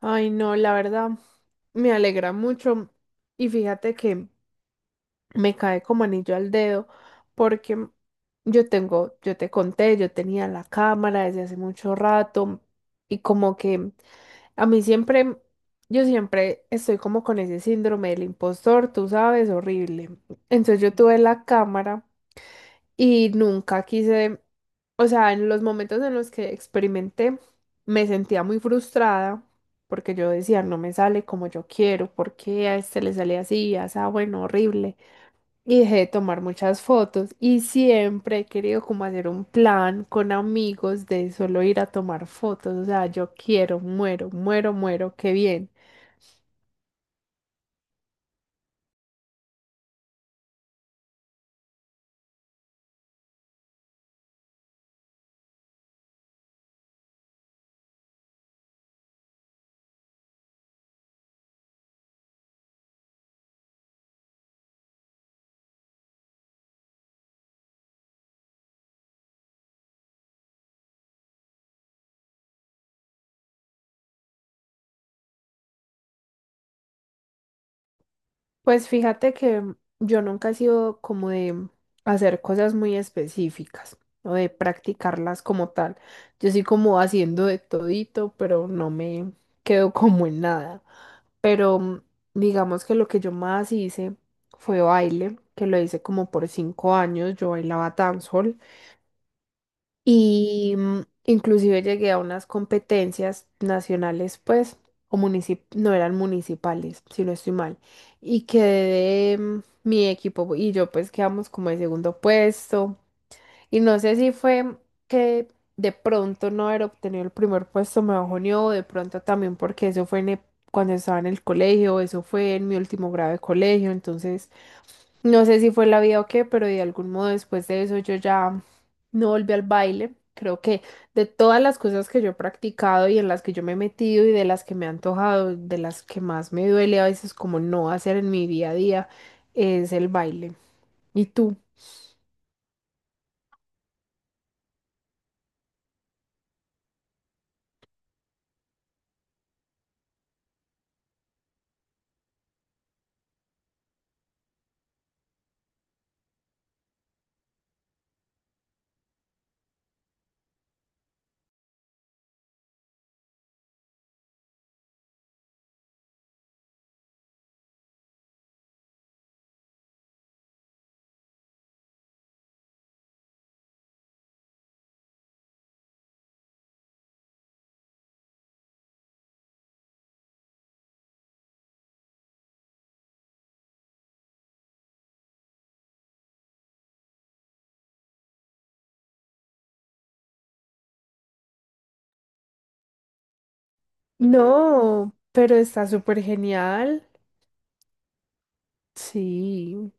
Ay, no, la verdad, me alegra mucho y fíjate que me cae como anillo al dedo porque yo tengo, yo te conté, yo tenía la cámara desde hace mucho rato y como que a mí siempre, yo siempre estoy como con ese síndrome del impostor, tú sabes, horrible. Entonces yo tuve la cámara. Y nunca quise, o sea, en los momentos en los que experimenté, me sentía muy frustrada porque yo decía, no me sale como yo quiero, ¿porque a este le sale así? Así, bueno, horrible. Y dejé de tomar muchas fotos y siempre he querido como hacer un plan con amigos de solo ir a tomar fotos, o sea, yo quiero, muero, muero, muero, qué bien. Pues fíjate que yo nunca he sido como de hacer cosas muy específicas o de practicarlas como tal. Yo sí como haciendo de todito, pero no me quedo como en nada. Pero digamos que lo que yo más hice fue baile, que lo hice como por 5 años. Yo bailaba dancehall. Y inclusive llegué a unas competencias nacionales, pues, o municip no eran municipales, si no estoy mal. Y quedé, mi equipo y yo, pues, quedamos como de segundo puesto. Y no sé si fue que de pronto no haber obtenido el primer puesto me bajoneó, o de pronto también porque eso fue cuando estaba en el colegio, eso fue en mi último grado de colegio, entonces... No sé si fue la vida o qué, pero de algún modo después de eso yo ya no volví al baile. Creo que de todas las cosas que yo he practicado y en las que yo me he metido y de las que me he antojado, de las que más me duele a veces como no hacer en mi día a día, es el baile. ¿Y tú? No, pero está súper genial. Sí.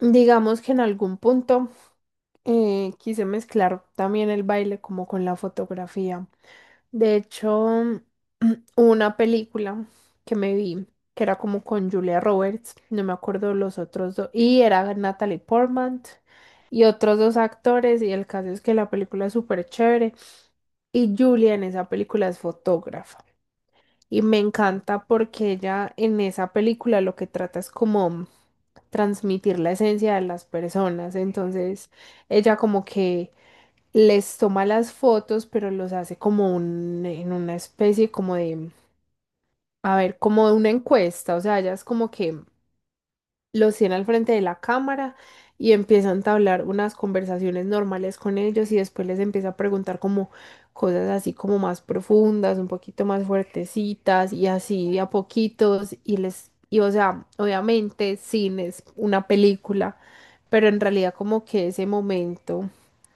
Digamos que en algún punto quise mezclar también el baile como con la fotografía. De hecho, hubo una película que me vi, que era como con Julia Roberts, no me acuerdo los otros dos, y era Natalie Portman y otros dos actores, y el caso es que la película es súper chévere, y Julia en esa película es fotógrafa, y me encanta porque ella en esa película lo que trata es como transmitir la esencia de las personas. Entonces, ella como que les toma las fotos, pero los hace como un, en una especie como de, a ver, como de una encuesta. O sea, ella es como que los tiene al frente de la cámara y empieza a entablar unas conversaciones normales con ellos y después les empieza a preguntar como cosas así como más profundas, un poquito más fuertecitas y así de a poquitos y les y o sea, obviamente cine es una película, pero en realidad como que ese momento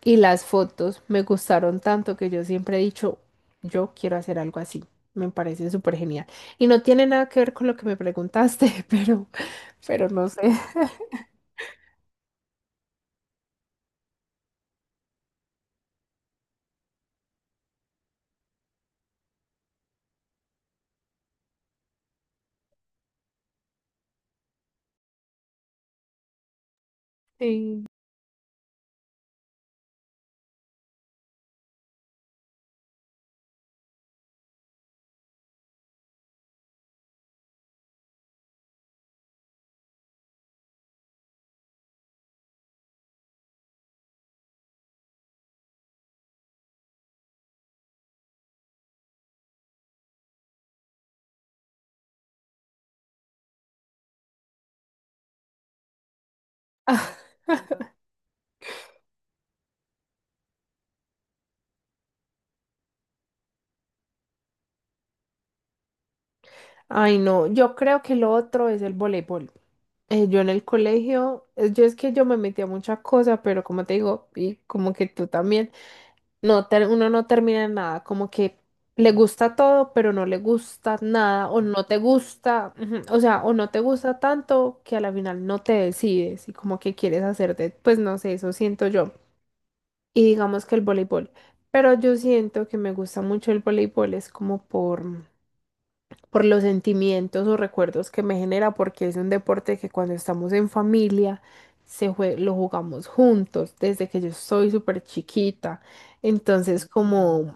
y las fotos me gustaron tanto que yo siempre he dicho, yo quiero hacer algo así. Me parece súper genial. Y no tiene nada que ver con lo que me preguntaste, pero no sé. Sí. Ah, ay, no, yo creo que lo otro es el voleibol. Yo en el colegio, yo es que yo me metí a muchas cosas, pero como te digo, y como que tú también, uno no termina en nada, como que le gusta todo, pero no le gusta nada, o no te gusta, ujú, o sea, o no te gusta tanto que a la final no te decides y como que quieres hacerte, pues no sé, eso siento yo. Y digamos que el voleibol, pero yo siento que me gusta mucho el voleibol, es como por los sentimientos o recuerdos que me genera, porque es un deporte que cuando estamos en familia lo jugamos juntos desde que yo soy súper chiquita. Entonces, como,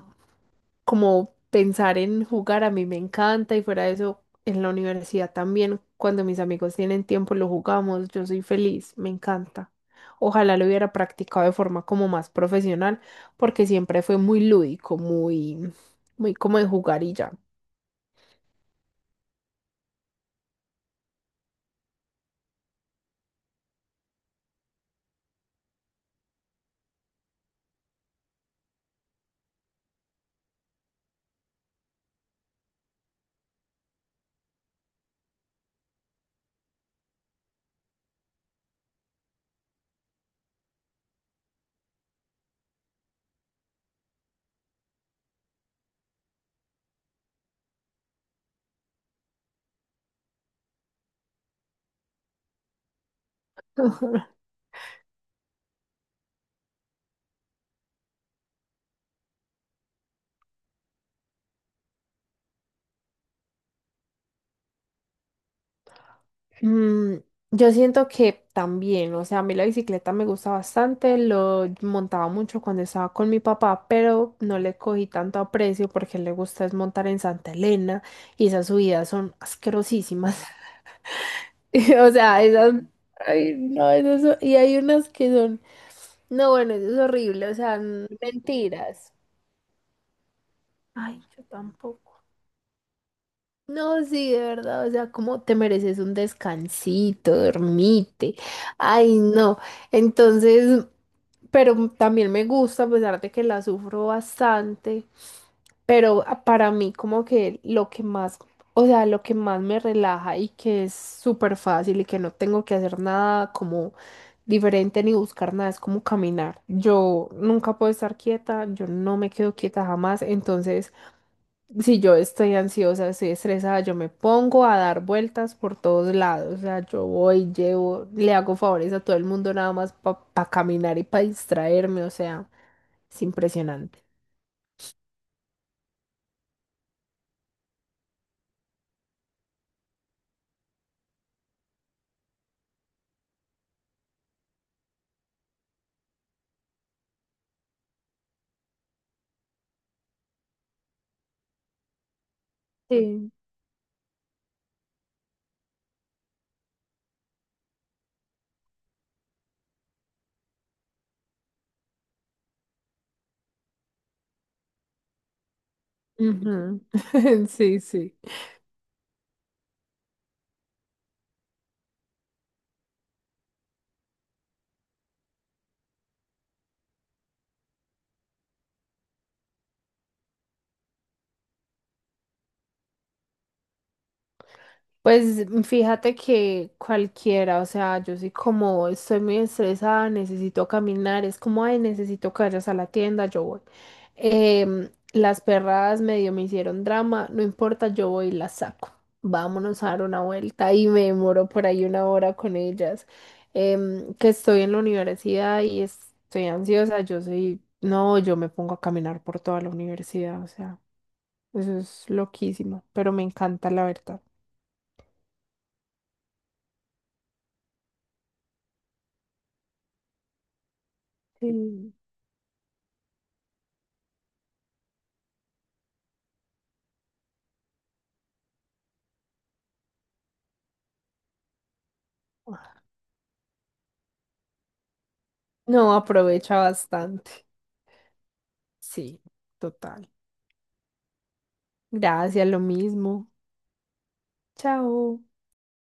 como pensar en jugar a mí me encanta y fuera de eso, en la universidad también, cuando mis amigos tienen tiempo lo jugamos, yo soy feliz, me encanta. Ojalá lo hubiera practicado de forma como más profesional, porque siempre fue muy lúdico, muy, muy como de jugar y ya. Mm, yo siento que también, o sea, a mí la bicicleta me gusta bastante, lo montaba mucho cuando estaba con mi papá, pero no le cogí tanto aprecio porque le gusta es montar en Santa Elena y esas subidas son asquerosísimas. O sea, esas, ay, no, esas, y hay unas que son, no, bueno, eso es horrible, o sea, mentiras. Ay, yo tampoco. No, sí, de verdad, o sea, como te mereces un descansito, dormite. Ay, no. Entonces, pero también me gusta, a pesar de que la sufro bastante, pero para mí como que lo que más, o sea, lo que más me relaja y que es súper fácil y que no tengo que hacer nada como diferente ni buscar nada, es como caminar. Yo nunca puedo estar quieta, yo no me quedo quieta jamás, entonces... Si yo estoy ansiosa, estoy estresada, yo me pongo a dar vueltas por todos lados. O sea, yo voy, llevo, le hago favores a todo el mundo nada más para caminar y para distraerme. O sea, es impresionante. Sí. Ujú. Sí, sí. Pues fíjate que cualquiera, o sea, yo soy como, estoy muy estresada, necesito caminar, es como, ay, necesito que vayas a la tienda, yo voy. Las perradas medio me hicieron drama, no importa, yo voy y las saco. Vámonos a dar una vuelta y me demoro por ahí 1 hora con ellas. Que estoy en la universidad y estoy ansiosa, yo soy, no, yo me pongo a caminar por toda la universidad, o sea, eso es loquísimo, pero me encanta la verdad. Sí. No, aprovecha bastante. Sí, total. Gracias, lo mismo. Chao.